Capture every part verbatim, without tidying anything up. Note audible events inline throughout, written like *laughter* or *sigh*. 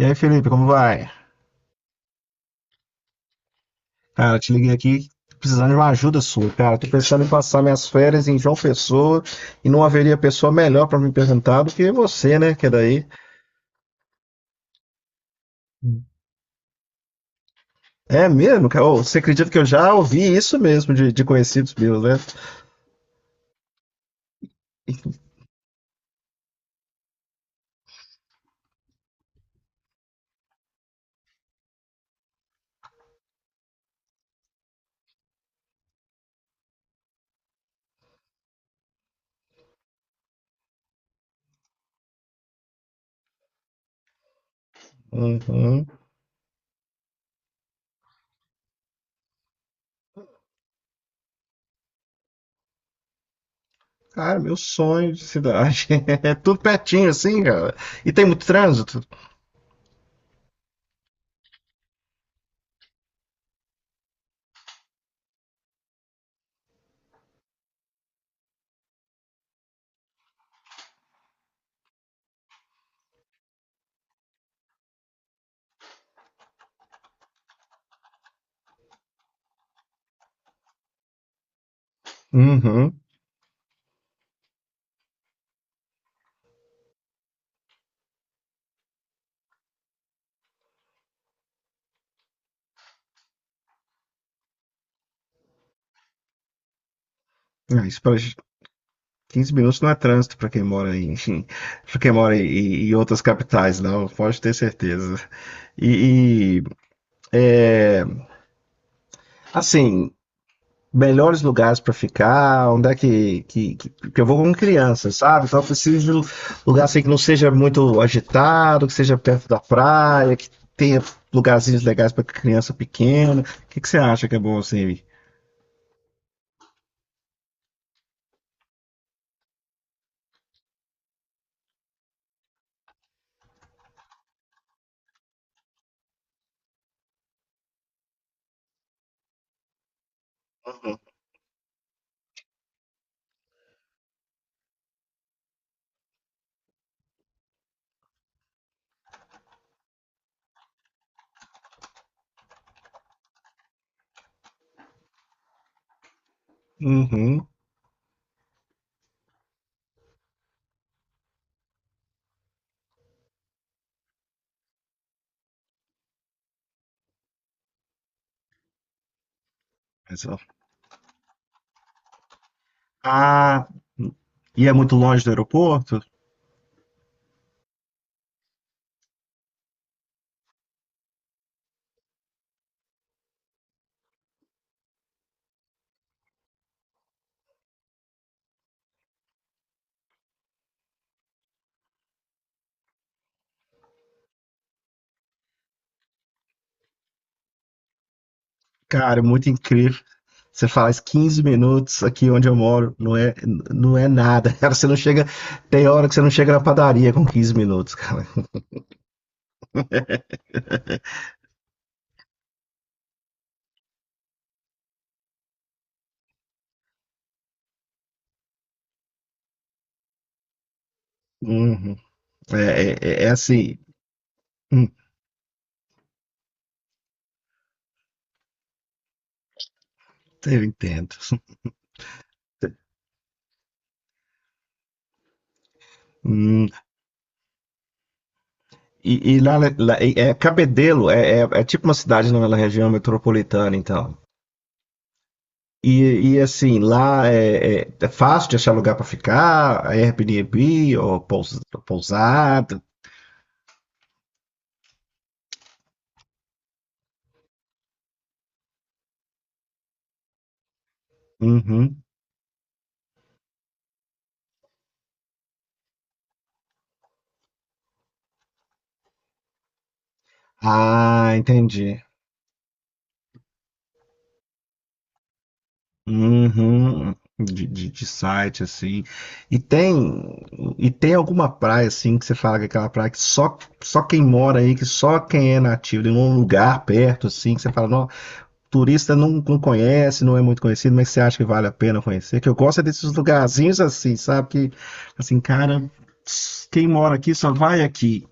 E aí, Felipe, como vai? Cara, te liguei aqui precisando de uma ajuda sua, cara. Tô pensando em passar minhas férias em João Pessoa e não haveria pessoa melhor pra me perguntar do que você, né? Que é daí. É mesmo, cara? Ô, você acredita que eu já ouvi isso mesmo de, de conhecidos meus, né? Uhum. Cara, meu sonho de cidade. *laughs* É tudo pertinho assim, cara. E tem muito trânsito? Uhum. Ah, isso pra- Quinze minutos não é trânsito para quem mora em, *laughs* para quem mora em, em outras capitais, não, pode ter certeza. E, e, é, assim, melhores lugares para ficar, onde é que, que, que, que eu vou com criança, sabe? Então eu preciso de um lugar assim que não seja muito agitado, que seja perto da praia, que tenha lugarzinhos legais para criança pequena. O que, que você acha que é bom assim? Uhum. Uhum. Mas, ó. Ah, e é muito longe do aeroporto? Cara, muito incrível. Você faz quinze minutos aqui onde eu moro, não é, não é nada, *laughs* cara. Você não chega. Tem hora que você não chega na padaria com quinze minutos, cara. Uhum. É, é, é assim. Hum, eu entendo. Hum, E, e lá, lá- e- é, Cabedelo é, é- é tipo uma cidade na região metropolitana, então. E, e assim, lá é, é- é fácil de achar lugar para ficar. É Airbnb ou pous- pousada. Uhum. Ah, entendi. Uhum, de, de, de site, assim. E tem, e tem alguma praia, assim, que você fala que é aquela praia que só, só quem mora aí, que só quem é nativo, em um lugar perto, assim, que você fala, não, turista não, não conhece, não é muito conhecido, mas você acha que vale a pena conhecer? Que eu gosto é desses lugarzinhos assim, sabe? Que, assim, cara, quem mora aqui só vai aqui.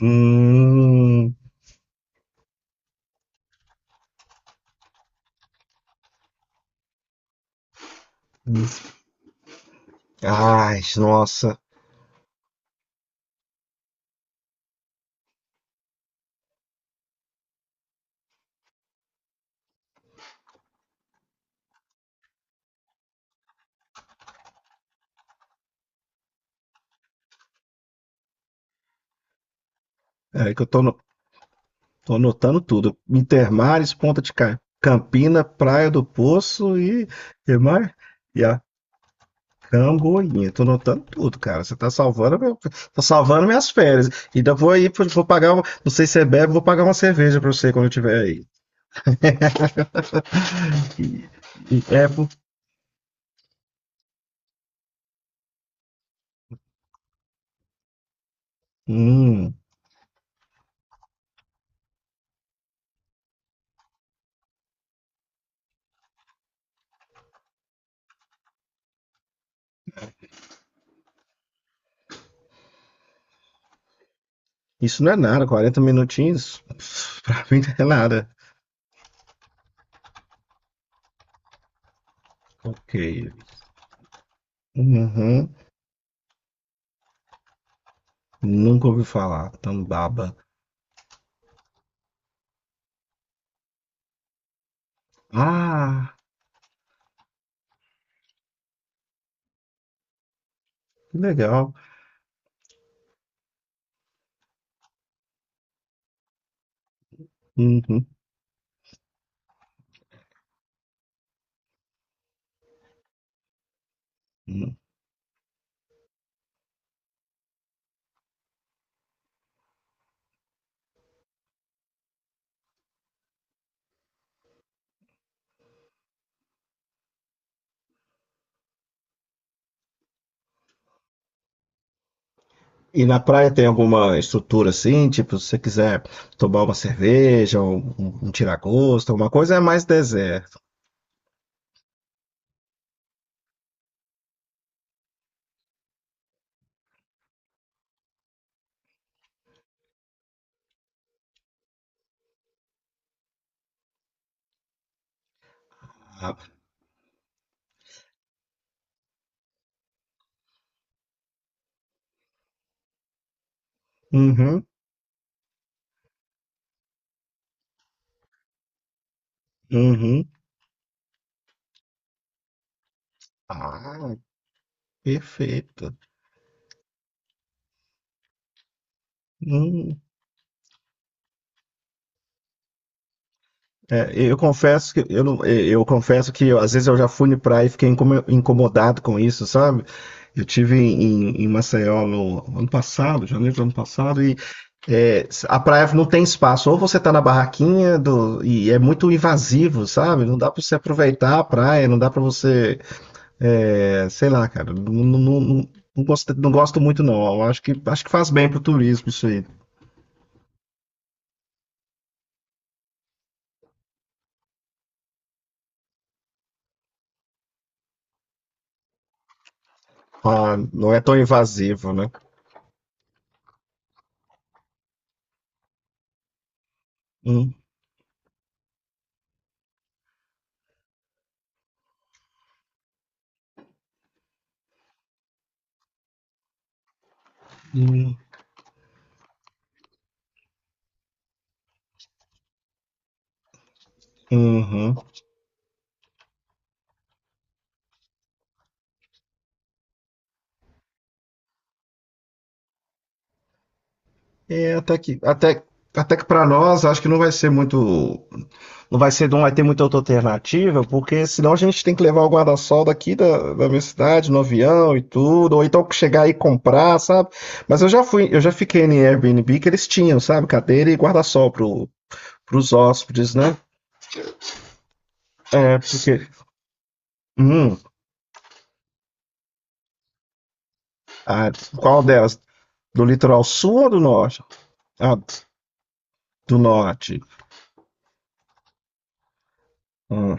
Hum, ai, nossa. É que eu tô no, Tô anotando tudo. Intermares, Ponta de Ca- Campina, Praia do Poço e, e mais? E a Camboinha. Tô anotando tudo, cara. Você tá salvando, meu, tá salvando minhas férias. Ainda vou aí, pro- vou pagar, um- não sei se você bebe, vou pagar uma cerveja pra você quando eu tiver aí. E- e- é, pô. Hum, isso não é nada. Quarenta minutinhos, pff, pra mim não é nada. Ok. Uhum. Nunca ouvi falar. Tambaba. Ah, que legal. Uhum. E na praia tem alguma estrutura assim, tipo, se você quiser tomar uma cerveja, um, um um tiragosto, alguma coisa, é mais deserto. Ah, uhum, uhum. Ah, perfeito. Hum. É, eu confesso que eu, não, é, eu confesso que às vezes eu já fui na praia e fiquei incomo- incomodado com isso, sabe? Eu tive em, em Maceió no ano passado, janeiro do ano passado, e é, a praia não tem espaço. Ou você tá na barraquinha do- e é muito invasivo, sabe? Não dá pra você aproveitar a praia, não dá pra você, é, sei lá, cara. Não, não, não- não- não gosto, não gosto muito não. Eu acho que acho que faz bem pro turismo isso aí. Ah, não é tão invasivo, né? Hum, hum, uhum. É, até que, até, até que para nós, acho que não vai ser muito, não vai ser, não vai ter muita outra alternativa, porque senão a gente tem que levar o guarda-sol daqui da, da minha cidade, no avião e tudo, ou então chegar e comprar, sabe? Mas eu já fui, eu já fiquei em Airbnb que eles tinham, sabe? Cadeira e guarda-sol pro, pros hóspedes, né? É, porque, hum, ah, qual delas? Do litoral sul ou do norte? Ah, do norte. Hum.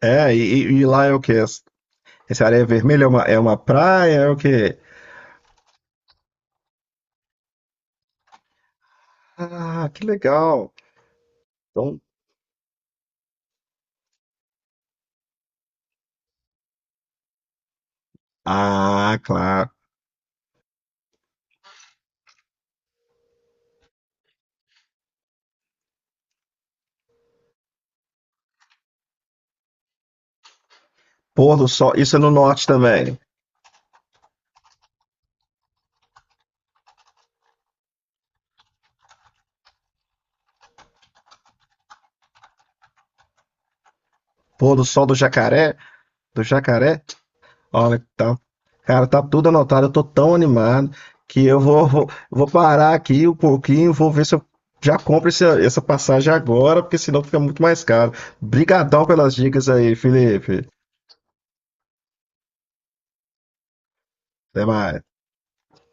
É, e, e lá é o quê? Essa areia vermelha é uma, é uma praia? É o quê? Ah, que legal. Então, ah, claro. Pôr do sol, isso é no norte também. Pôr do sol do jacaré, do jacaré. Olha, tá, cara, tá tudo anotado. Eu tô tão animado que eu vou, vou, vou parar aqui um pouquinho, vou ver se eu já compro esse- essa passagem agora, porque senão fica muito mais caro. Brigadão pelas dicas aí, Felipe. Até mais.